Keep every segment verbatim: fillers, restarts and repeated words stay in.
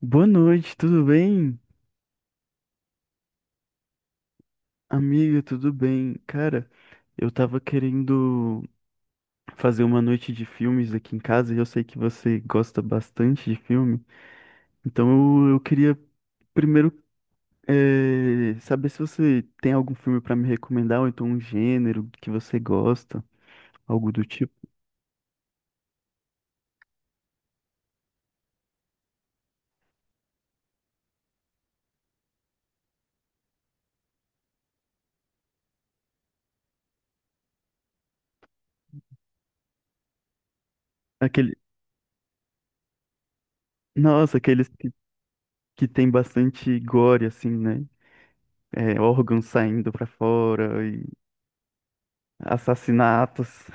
Boa noite, tudo bem? Amiga, tudo bem? Cara, eu tava querendo fazer uma noite de filmes aqui em casa e eu sei que você gosta bastante de filme, então eu, eu queria primeiro eh, saber se você tem algum filme pra me recomendar, ou então um gênero que você gosta, algo do tipo. Aquele, nossa, aqueles que, que tem bastante gore, assim, né? É, órgãos saindo pra fora e assassinatos.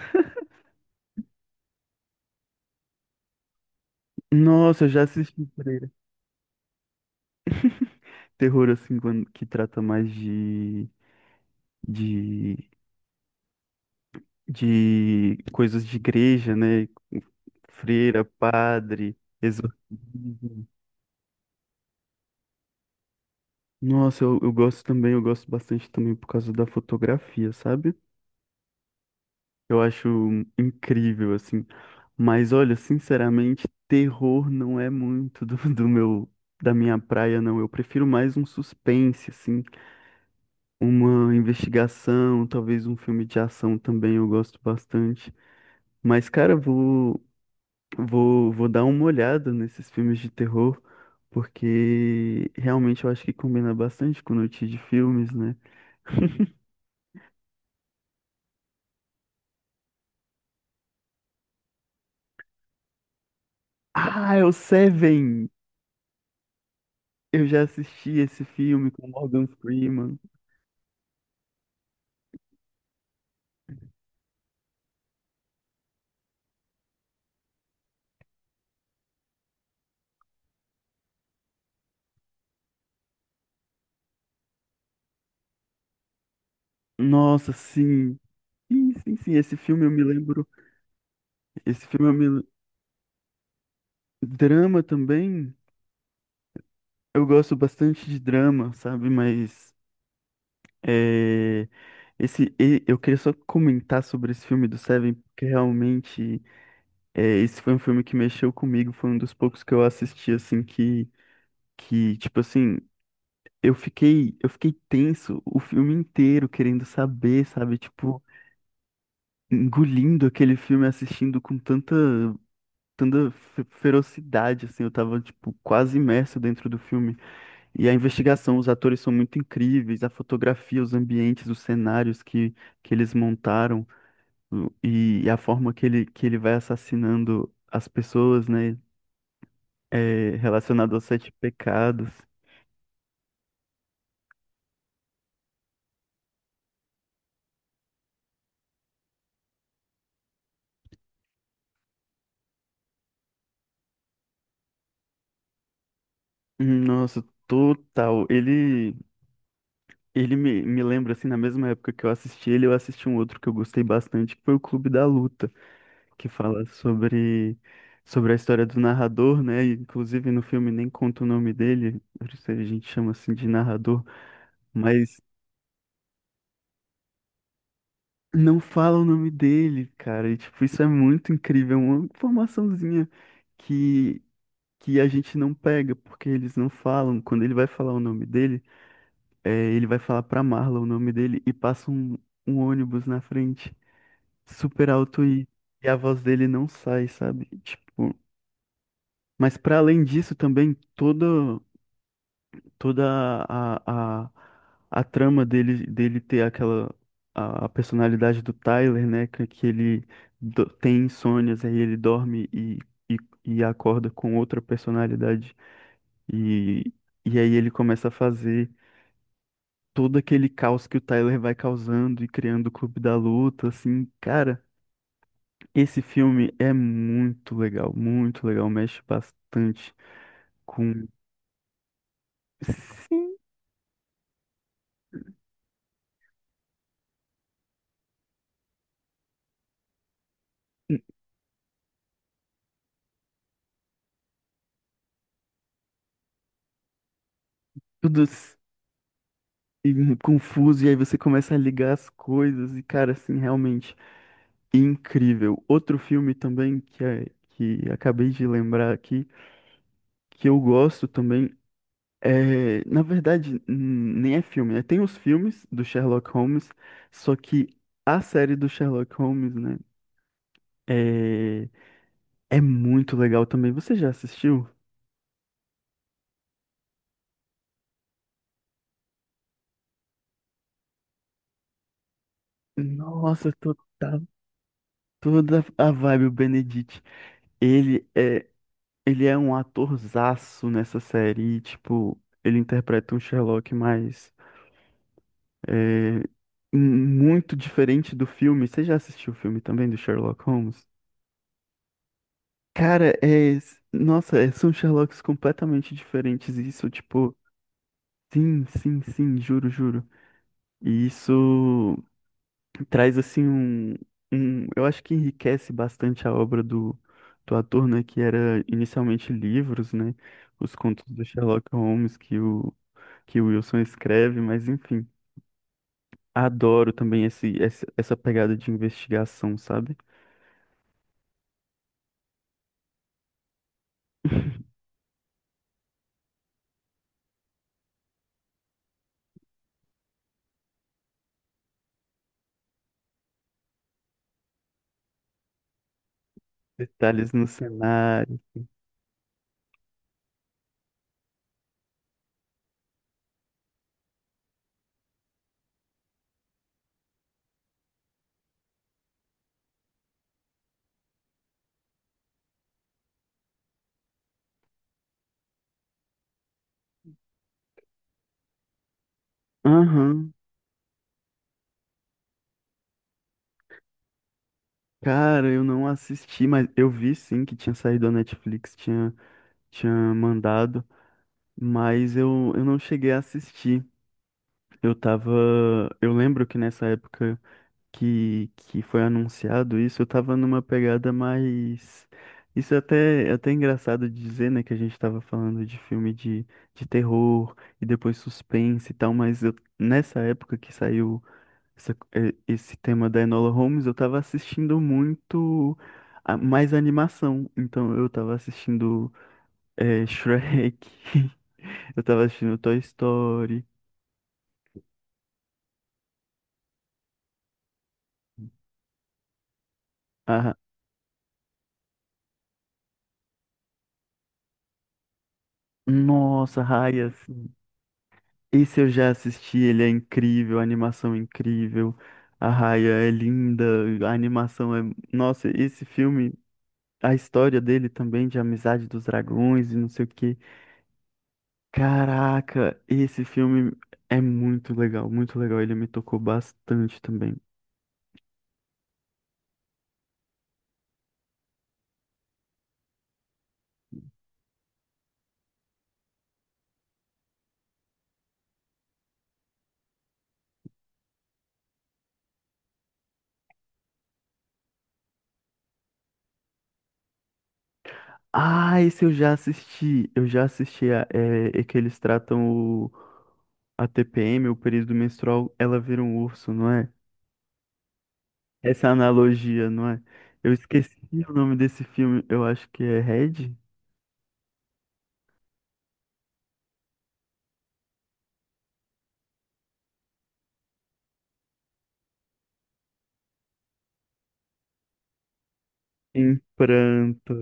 Nossa, eu já assisti terror assim quando- que trata mais de, de, de coisas de igreja, né? Freira, padre, exorcismo. Nossa, eu, eu gosto também, eu gosto bastante também por causa da fotografia, sabe? Eu acho incrível, assim. Mas olha, sinceramente, terror não é muito do, do meu, da minha praia, não. Eu prefiro mais um suspense, assim, uma investigação, talvez um filme de ação também eu gosto bastante. Mas, cara, vou, vou, vou dar uma olhada nesses filmes de terror, porque realmente eu acho que combina bastante com o notícia de filmes, né? Ah, é o Seven! Eu já assisti esse filme com Morgan Freeman. Nossa, sim. Sim, sim, sim. Esse filme eu me lembro. Esse filme eu me. Drama também. Eu gosto bastante de drama, sabe? Mas. É... Esse, e- eu queria só comentar sobre esse filme do Seven, porque realmente. É, esse foi um filme que mexeu comigo, foi um dos poucos que eu assisti, assim, que, que, tipo assim, eu fiquei, eu fiquei tenso o filme inteiro, querendo saber, sabe, tipo, engolindo aquele filme, assistindo com tanta, tanta fe- ferocidade, assim, eu tava, tipo, quase imerso dentro do filme. E a investigação, os atores são muito incríveis, a fotografia, os ambientes, os cenários que, que eles montaram, o- e, e a forma que ele, que ele vai assassinando as pessoas, né? É, relacionado aos sete pecados. Nossa, total. Ele, ele me, me lembra, assim, na mesma época que eu assisti ele, eu assisti um outro que eu gostei bastante, que foi o Clube da Luta, que fala sobre, sobre a história do narrador, né? E inclusive no filme nem conta o nome dele, por isso a gente chama assim de narrador, mas não fala o nome dele, cara. E, tipo, isso é muito incrível, é uma informaçãozinha que, que a gente não pega, porque eles não falam. Quando ele vai falar o nome dele. É, ele vai falar pra Marla o nome dele e passa um, um ônibus na frente, super alto e, e a voz dele não sai, sabe? Tipo, mas pra além disso também toda toda a, a, a trama dele dele ter aquela a, a personalidade do Tyler, né, que, que ele do- tem insônias, aí ele dorme e, e, e acorda com outra personalidade e E aí ele começa a fazer todo aquele caos que o Tyler vai causando e criando o Clube da Luta, assim, cara, esse filme é muito legal, muito legal, mexe bastante com. Sim, tudo s- e mu- confuso e aí você começa a ligar as coisas e cara, assim, realmente incrível. Outro filme também que é, que acabei de lembrar aqui que eu gosto também. É, na verdade, n- nem é filme, né? Tem os filmes do Sherlock Holmes, só que a série do Sherlock Holmes, né? É, é muito legal também. Você já assistiu? Nossa, total, toda a vibe o Benedict. Ele é, ele é um atorzaço nessa série. E, tipo, ele interpreta um Sherlock mais é, m- muito diferente do filme. Você já assistiu o filme também do Sherlock Holmes? Cara, é. Nossa, é- são Sherlocks completamente diferentes. E isso, tipo, sim, sim, sim, juro, juro. E isso traz, assim, um, um. Eu acho que enriquece bastante a obra do, do ator, né? Que era inicialmente livros, né? Os contos do Sherlock Holmes que o, que o Wilson escreve, mas enfim. Adoro também esse, esse, essa pegada de investigação, sabe? Detalhes no cenário. Aham. Cara, eu não assisti, mas eu vi sim que tinha saído da Netflix, tinha, tinha mandado, mas eu, eu não cheguei a assistir. Eu tava. Eu lembro que nessa época que, que foi anunciado isso, eu tava numa pegada mais. Isso é até, é até engraçado de dizer, né? Que a gente tava falando de filme de, de terror e depois suspense e tal, mas eu, nessa época que saiu. Essa- é- esse tema da Enola Holmes, eu tava assistindo muito a- mais animação. Então eu tava assistindo é, Shrek, eu tava assistindo Toy Story. a- Nossa, Raya, assim. Esse eu já assisti, ele é incrível, a animação é incrível. A Raya é linda, a animação é. Nossa, esse filme, a história dele também, de amizade dos dragões e não sei o quê. Caraca, esse filme é muito legal, muito legal. Ele me tocou bastante também. Ah, esse eu já assisti. Eu já assisti a, é, é que eles tratam o, a T P M, o período menstrual, ela vira um urso, não é? Essa analogia, não é? Eu esqueci o nome desse filme. Eu acho que é Red? Em pranto.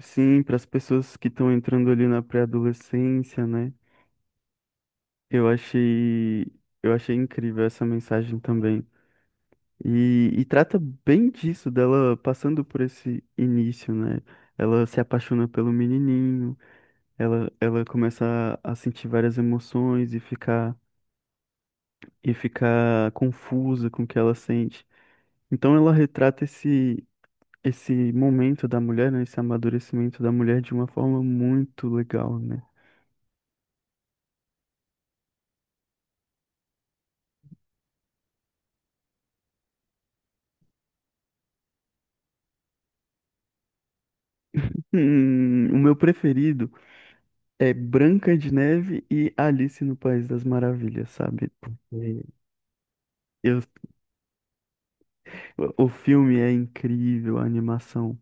Sim, para as pessoas que estão entrando ali na pré-adolescência, né? Eu achei, eu achei incrível essa mensagem também. E, e trata bem disso, dela passando por esse início, né? Ela se apaixona pelo menininho, ela, ela começa a, a sentir várias emoções e ficar, e ficar confusa com o que ela sente. Então ela retrata esse, esse momento da mulher, né? Esse amadurecimento da mulher de uma forma muito legal, né? Hum, o meu preferido é Branca de Neve e Alice no País das Maravilhas, sabe? Porque eu. O filme é incrível, a animação.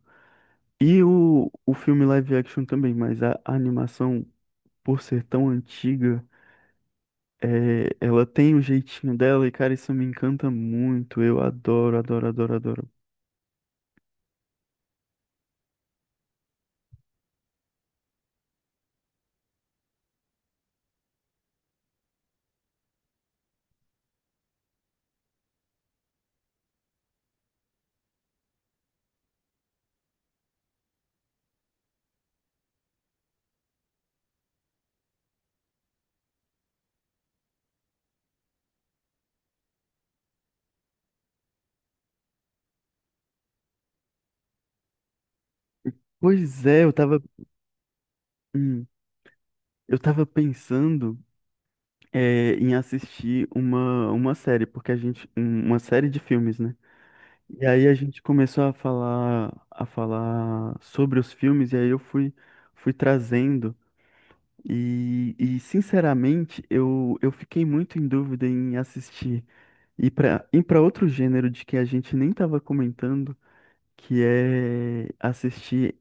E o, o filme live action também, mas a, a animação, por ser tão antiga, é, ela tem o jeitinho dela e, cara, isso me encanta muito. Eu adoro, adoro, adoro, adoro. Pois é, eu tava, hum, eu tava pensando, é, em assistir uma, uma série, porque a gente, um- uma série de filmes, né? E aí a gente começou a falar, a falar sobre os filmes, e aí eu fui, fui trazendo. E, e, sinceramente, eu, eu fiquei muito em dúvida em assistir e para ir para outro gênero de que a gente nem estava comentando, que é assistir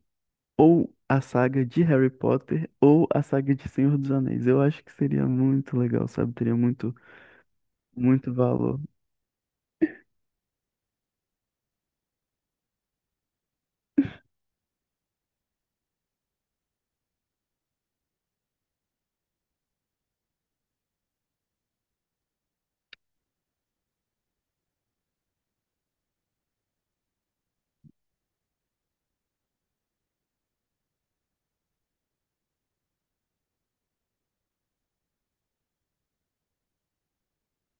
ou a saga de Harry Potter ou a saga de Senhor dos Anéis. Eu acho que seria muito legal, sabe? Teria muito, muito valor.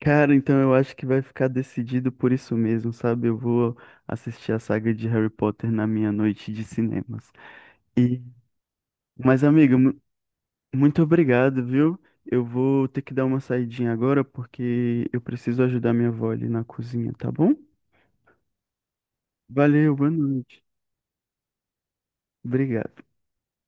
Cara, então eu acho que vai ficar decidido por isso mesmo, sabe? Eu vou assistir a saga de Harry Potter na minha noite de cinemas. E, mas, amiga, muito obrigado, viu? Eu vou ter que dar uma saidinha agora porque eu preciso ajudar minha avó ali na cozinha, tá bom? Valeu, boa noite. Obrigado.